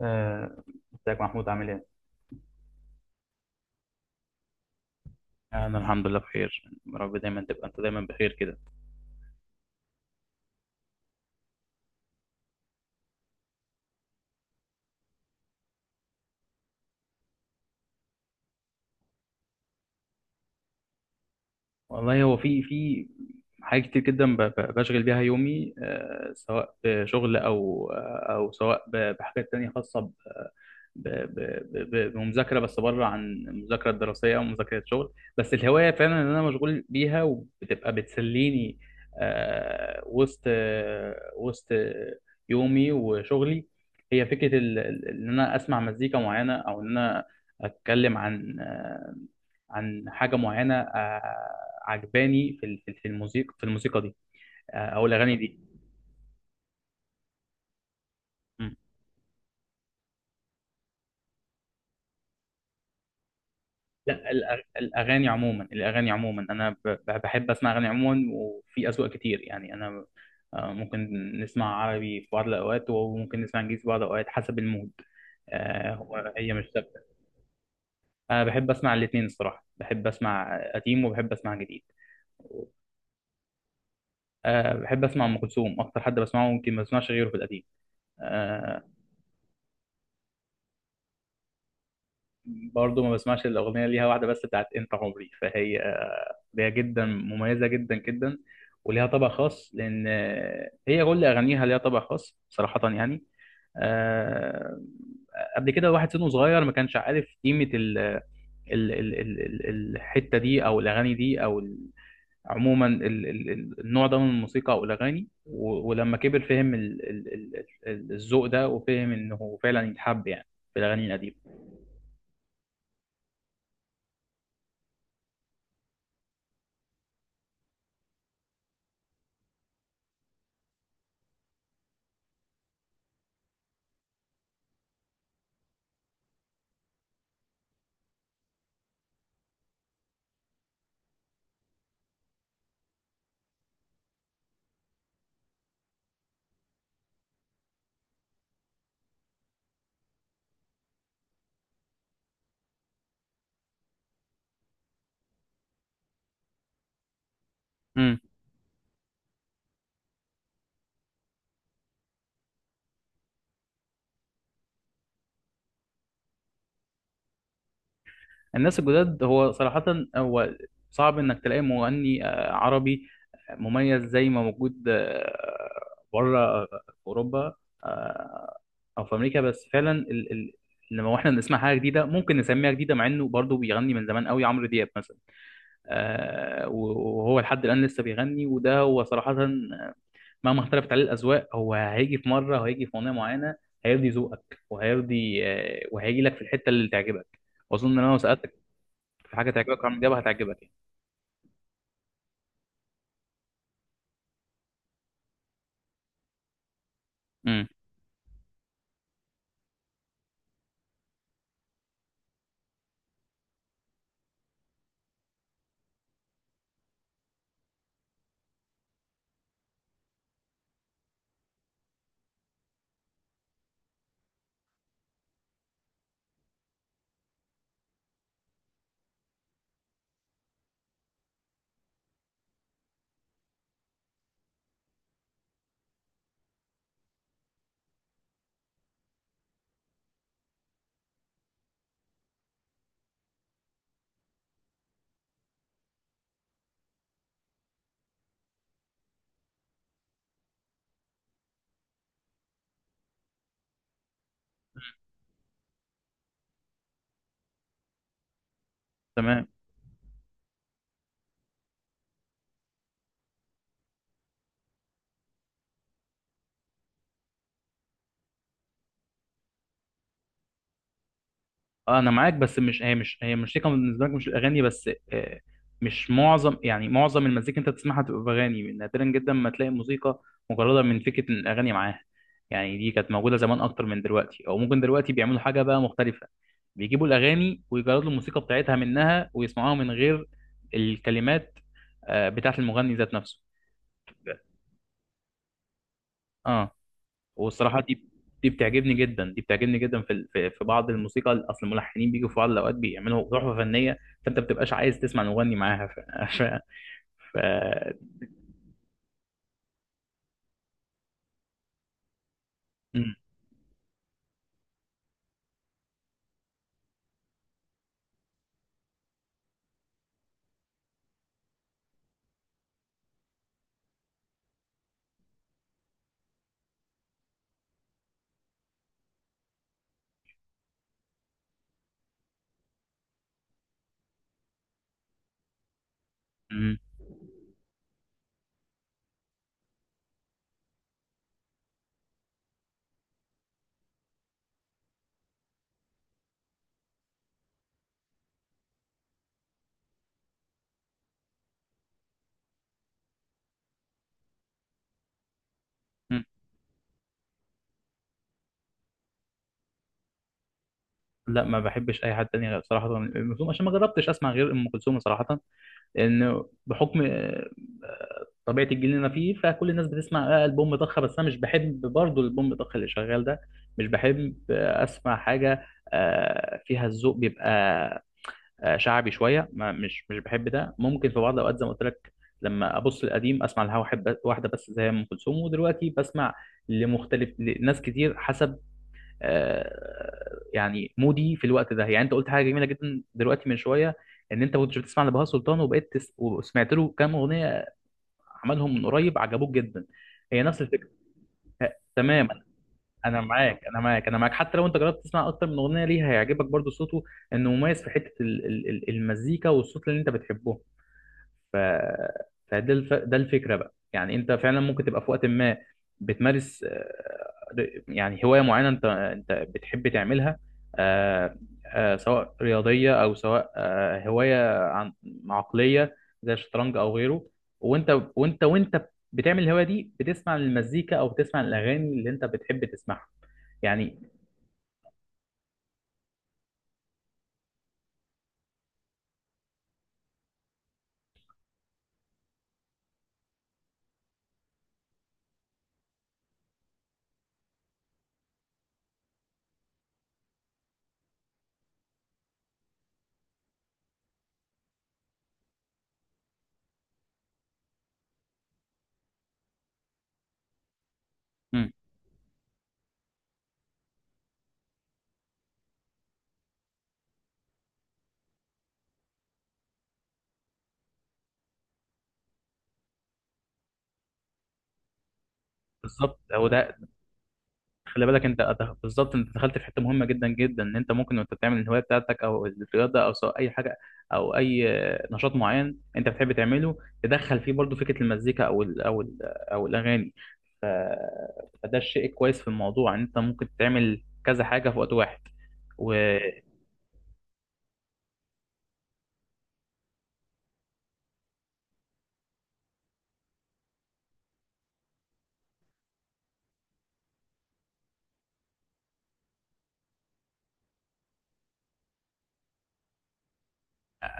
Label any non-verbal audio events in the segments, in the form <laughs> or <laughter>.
آه، ازيك محمود، عامل ايه؟ انا الحمد لله بخير، يا رب دايما تبقى انت دايما بخير كده. والله، هو في حاجات كتير جدا بشغل بيها يومي، سواء بشغل او سواء بحاجات تانية خاصة بمذاكرة، بس بره عن المذاكرة الدراسية أو مذاكرة شغل، بس الهواية فعلا إن أنا مشغول بيها وبتبقى بتسليني وسط وسط يومي وشغلي. هي فكرة إن أنا أسمع مزيكا معينة أو إن أنا أتكلم عن عن حاجه معينه عجباني في الموسيقى في الموسيقى دي، او الاغاني دي. مم. لا، الاغاني عموما، الاغاني عموما انا بحب اسمع اغاني عموما، وفي اذواق كتير يعني انا، ممكن نسمع عربي في بعض الاوقات، وممكن نسمع انجليزي في بعض الاوقات حسب المود. هي مش ثابته. انا بحب اسمع الاثنين، الصراحه بحب اسمع قديم وبحب اسمع جديد. بحب اسمع ام كلثوم، اكتر حد بسمعه ممكن ما بسمعش غيره في القديم. آه، برضه ما بسمعش الأغنية، ليها واحدة بس بتاعت أنت عمري، فهي أغنية جدا مميزة جدا جدا، وليها طبع خاص، لأن هي كل أغانيها ليها طبع خاص صراحة يعني. آه، قبل كده واحد سنه صغير ما كانش عارف قيمة ال ال ال ال الحتة دي، أو الأغاني دي، عموما النوع ده من الموسيقى أو الأغاني، ولما كبر فهم الذوق ده، وفهم إنه فعلا يتحب يعني، في الأغاني القديمة. الناس الجداد، هو صراحة هو صعب إنك تلاقي مغني عربي مميز زي ما موجود بره في أوروبا، آه، أو في أمريكا. بس فعلا لما احنا بنسمع حاجة جديدة ممكن نسميها جديدة، مع إنه برضه بيغني من زمان قوي، عمرو دياب مثلا، وهو لحد الآن لسه بيغني. وده هو صراحة مهما اختلفت عليه الأذواق، هو هيجي في مرة وهيجي في أغنية معينة هيرضي ذوقك، وهيرضي وهيجي لك في الحتة اللي تعجبك. وأظن إن أنا لو سألتك في حاجه تعجبك، عمرو دياب هتعجبك يعني. امم. تمام. انا معاك، بس مش هي، مش هي الموسيقى بالنسبه لك مش الاغاني بس، مش معظم، يعني معظم المزيكا انت بتسمعها تبقى باغاني، نادرا جدا ما تلاقي موسيقى مجرده من فكره إن الاغاني معاها يعني. دي كانت موجوده زمان اكتر من دلوقتي، او ممكن دلوقتي بيعملوا حاجه بقى مختلفه، بيجيبوا الاغاني ويجردوا الموسيقى بتاعتها منها ويسمعوها من غير الكلمات بتاعت المغني ذات نفسه. اه. والصراحه، دي دي بتعجبني جدا في ال- في في بعض الموسيقى، اصل الملحنين بيجوا في بعض الاوقات بيعملوا تحفه فنيه، فانت ما بتبقاش عايز تسمع المغني معاها <laughs> ف... ف... م- م- م. لا ما بحبش اي حد تاني غير صراحه ام كلثوم، عشان ما جربتش اسمع غير ام كلثوم صراحه، لان بحكم طبيعه الجيل اللي انا فيه، فكل الناس بتسمع البوم ضخ، بس انا مش بحب برضه البوم ضخ اللي شغال ده، مش بحب اسمع حاجه فيها الذوق بيبقى شعبي شويه. ما مش مش بحب ده. ممكن في بعض الاوقات زي ما قلت لك لما ابص القديم اسمع لها واحد واحده بس، زي ام كلثوم، ودلوقتي بسمع لمختلف لناس كتير، حسب يعني مودي في الوقت ده. يعني انت قلت حاجه جميله جدا دلوقتي من شويه، ان انت كنت بتسمع لبهاء سلطان وبقيت وسمعت له كام اغنيه عملهم من قريب عجبوك جدا، هي نفس الفكره. تماما. انا معاك، حتى لو انت جربت تسمع اكتر من اغنيه ليها هيعجبك برضو صوته، انه مميز في حته المزيكا والصوت اللي انت بتحبه. ف... ده الفكرة بقى يعني. انت فعلا ممكن تبقى في وقت ما بتمارس يعني هواية معينة انت بتحب تعملها، آه، سواء رياضية او سواء هواية عن عقلية زي الشطرنج او غيره، وانت وانت بتعمل الهواية دي بتسمع المزيكا او بتسمع الاغاني اللي انت بتحب تسمعها يعني. مم. بالظبط، هو ده. خلي بالك، انت بالظبط انت دخلت في حته مهمه جدا جدا، ان انت ممكن وانت بتعمل الهوايه بتاعتك او الرياضه او سواء اي حاجه او اي نشاط معين انت بتحب تعمله، تدخل فيه برضو فكره المزيكا او الاغاني. ف- فده الشيء كويس في الموضوع، ان انت ممكن تعمل كذا حاجه في وقت واحد.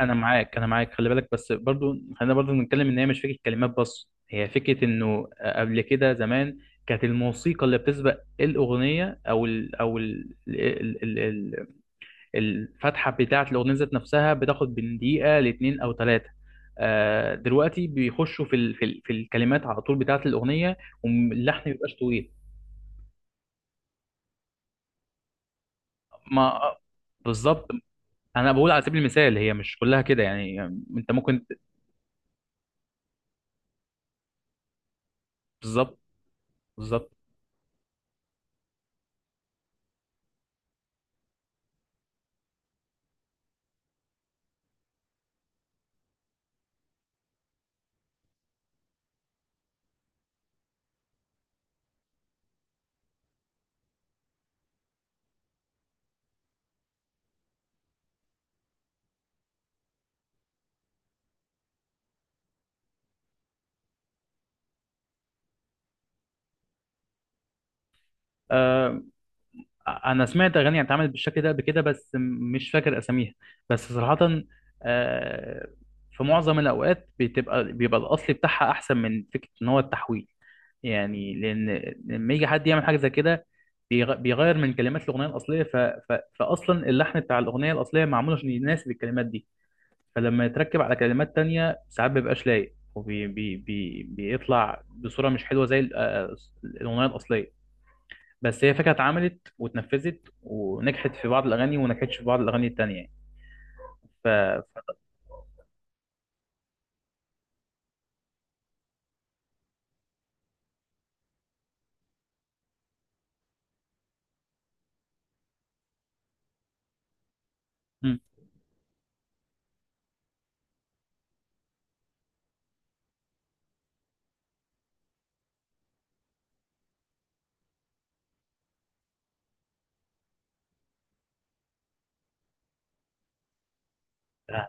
انا معاك خلي بالك، بس برضو خلينا برضو نتكلم ان هي مش فكره كلمات بس، هي فكره انه قبل كده زمان كانت الموسيقى اللي بتسبق الاغنيه او ال او ال ال ال ال الفتحه بتاعه الاغنيه ذات نفسها بتاخد من دقيقه لاتنين او ثلاثه. آه، دلوقتي بيخشوا في الكلمات على طول بتاعه الاغنيه، واللحن ما بيبقاش طويل. ما آه، بالظبط، انا بقول على سبيل المثال، هي مش كلها كده يعني، يعني انت ممكن. بالظبط. بالظبط. آه، انا سمعت اغاني اتعملت بالشكل ده قبل كده، بس مش فاكر اساميها، بس صراحة آه، في معظم الاوقات بيبقى الاصل بتاعها احسن من فكرة ان هو التحويل، يعني لان لما يجي حد يعمل حاجة زي كده بيغير من كلمات الاغنية الاصلية، فاصلا اللحن بتاع الاغنية الاصلية معمول عشان يناسب الكلمات دي، فلما يتركب على كلمات تانية ساعات مبيبقاش لايق، بيطلع بصورة مش حلوة زي الاغنية الاصلية، بس هي فكرة اتعملت واتنفذت، ونجحت في بعض الأغاني وما نجحتش في بعض الأغاني التانية يعني. ف... ف... مم. آه،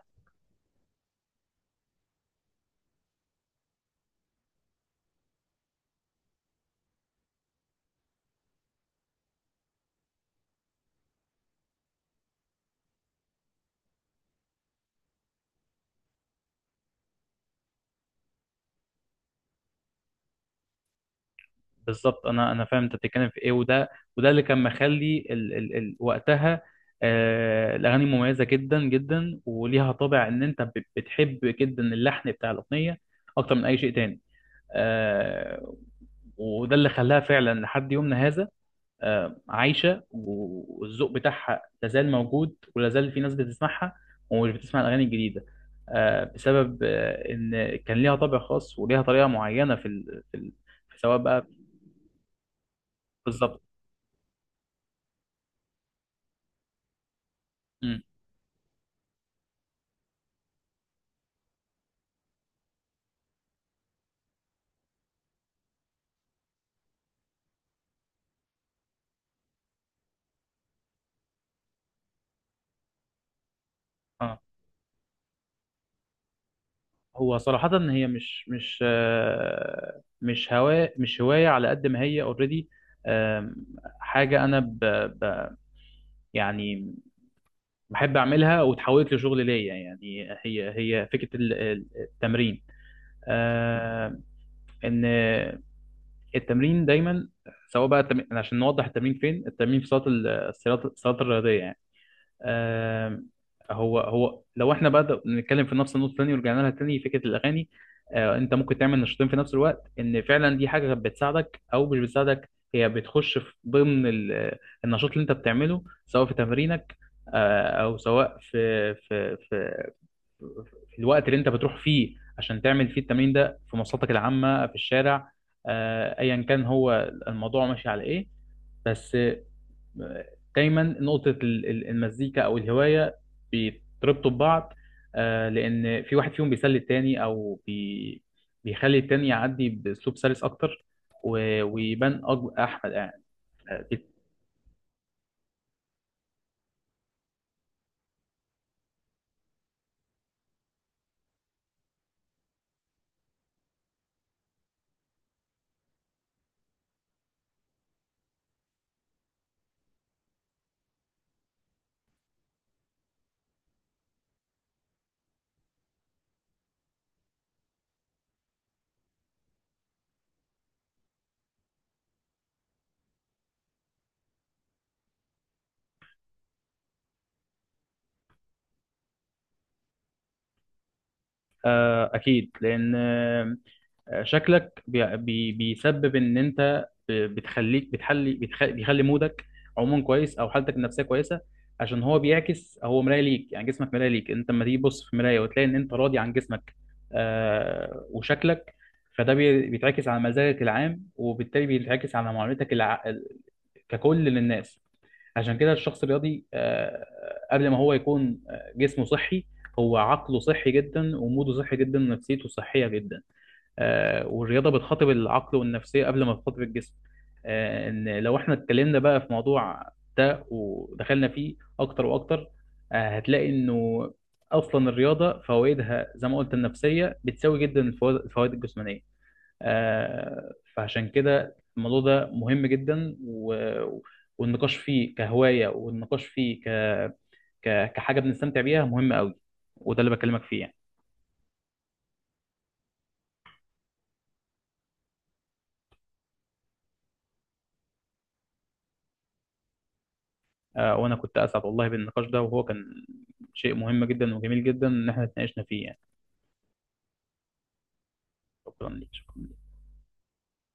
بالظبط، أنا فاهم أنت بتتكلم في إيه، وده اللي كان مخلي وقتها الأغاني مميزة جدا جدا، وليها طابع إن أنت بتحب جدا اللحن بتاع الأغنية أكتر من أي شيء تاني. آه... وده اللي خلاها فعلا لحد يومنا هذا عايشه، والذوق بتاعها لازال موجود، ولازال في ناس بتسمعها ومش بتسمع الاغاني الجديده، بسبب ان كان ليها طابع خاص وليها طريقه معينه في سواء بقى. بالظبط. مم. اه، هو صراحه هي مش هوايه على قد ما هي اوريدي، حاجه انا ب... يعني بحب اعملها وتحولت لشغل ليا. يعني هي هي فكره التمرين، آه، ان التمرين دايما، سواء بقى التمرين يعني عشان نوضح التمرين فين، التمرين في صالة الصالات الرياضية يعني. آم، هو لو احنا بقى نتكلم في نفس النقطة تاني ورجعنا لها تاني فكرة الأغاني، انت ممكن تعمل نشاطين في نفس الوقت، ان فعلا دي حاجة بتساعدك او مش بتساعدك، هي بتخش في ضمن النشاط اللي انت بتعمله، سواء في تمرينك او سواء في في الوقت اللي انت بتروح فيه عشان تعمل فيه التمرين ده، في مواصلاتك العامة في الشارع، ايا كان هو الموضوع ماشي على ايه، بس دايما نقطة المزيكا او الهواية بيتربطوا ببعض، لان في واحد فيهم بيسلي التاني، او بي بيخلي التاني يعدي باسلوب سلس اكتر، ويبان احمد يعني. آه، اكيد، لان شكلك بي بي بيسبب ان انت بيخلي مودك عموما كويس، او حالتك النفسيه كويسه، عشان هو بيعكس، هو مرايه ليك، يعني جسمك مرايه ليك، انت لما تيجي تبص في مرايه وتلاقي ان انت راضي عن جسمك آه وشكلك، فده بيتعكس على مزاجك العام، وبالتالي بيتعكس على معاملتك ككل للناس. عشان كده الشخص الرياضي آه قبل ما هو يكون جسمه صحي، هو عقله صحي جدا، وموده صحي جدا، ونفسيته صحيه جدا. والرياضه بتخاطب العقل والنفسيه قبل ما تخاطب الجسم. ان لو احنا اتكلمنا بقى في موضوع ده ودخلنا فيه اكتر واكتر، هتلاقي انه اصلا الرياضه فوائدها زي ما قلت، النفسيه بتساوي جدا الفوائد الجسمانيه. فعشان كده الموضوع ده مهم جدا، والنقاش فيه كهوايه، والنقاش فيه كحاجه بنستمتع بيها، مهم قوي. وده اللي بكلمك فيه يعني. وانا كنت اسعد والله بالنقاش ده، وهو كان شيء مهم جدا وجميل جدا ان احنا اتناقشنا فيه يعني. شكرا ليك، شكرا.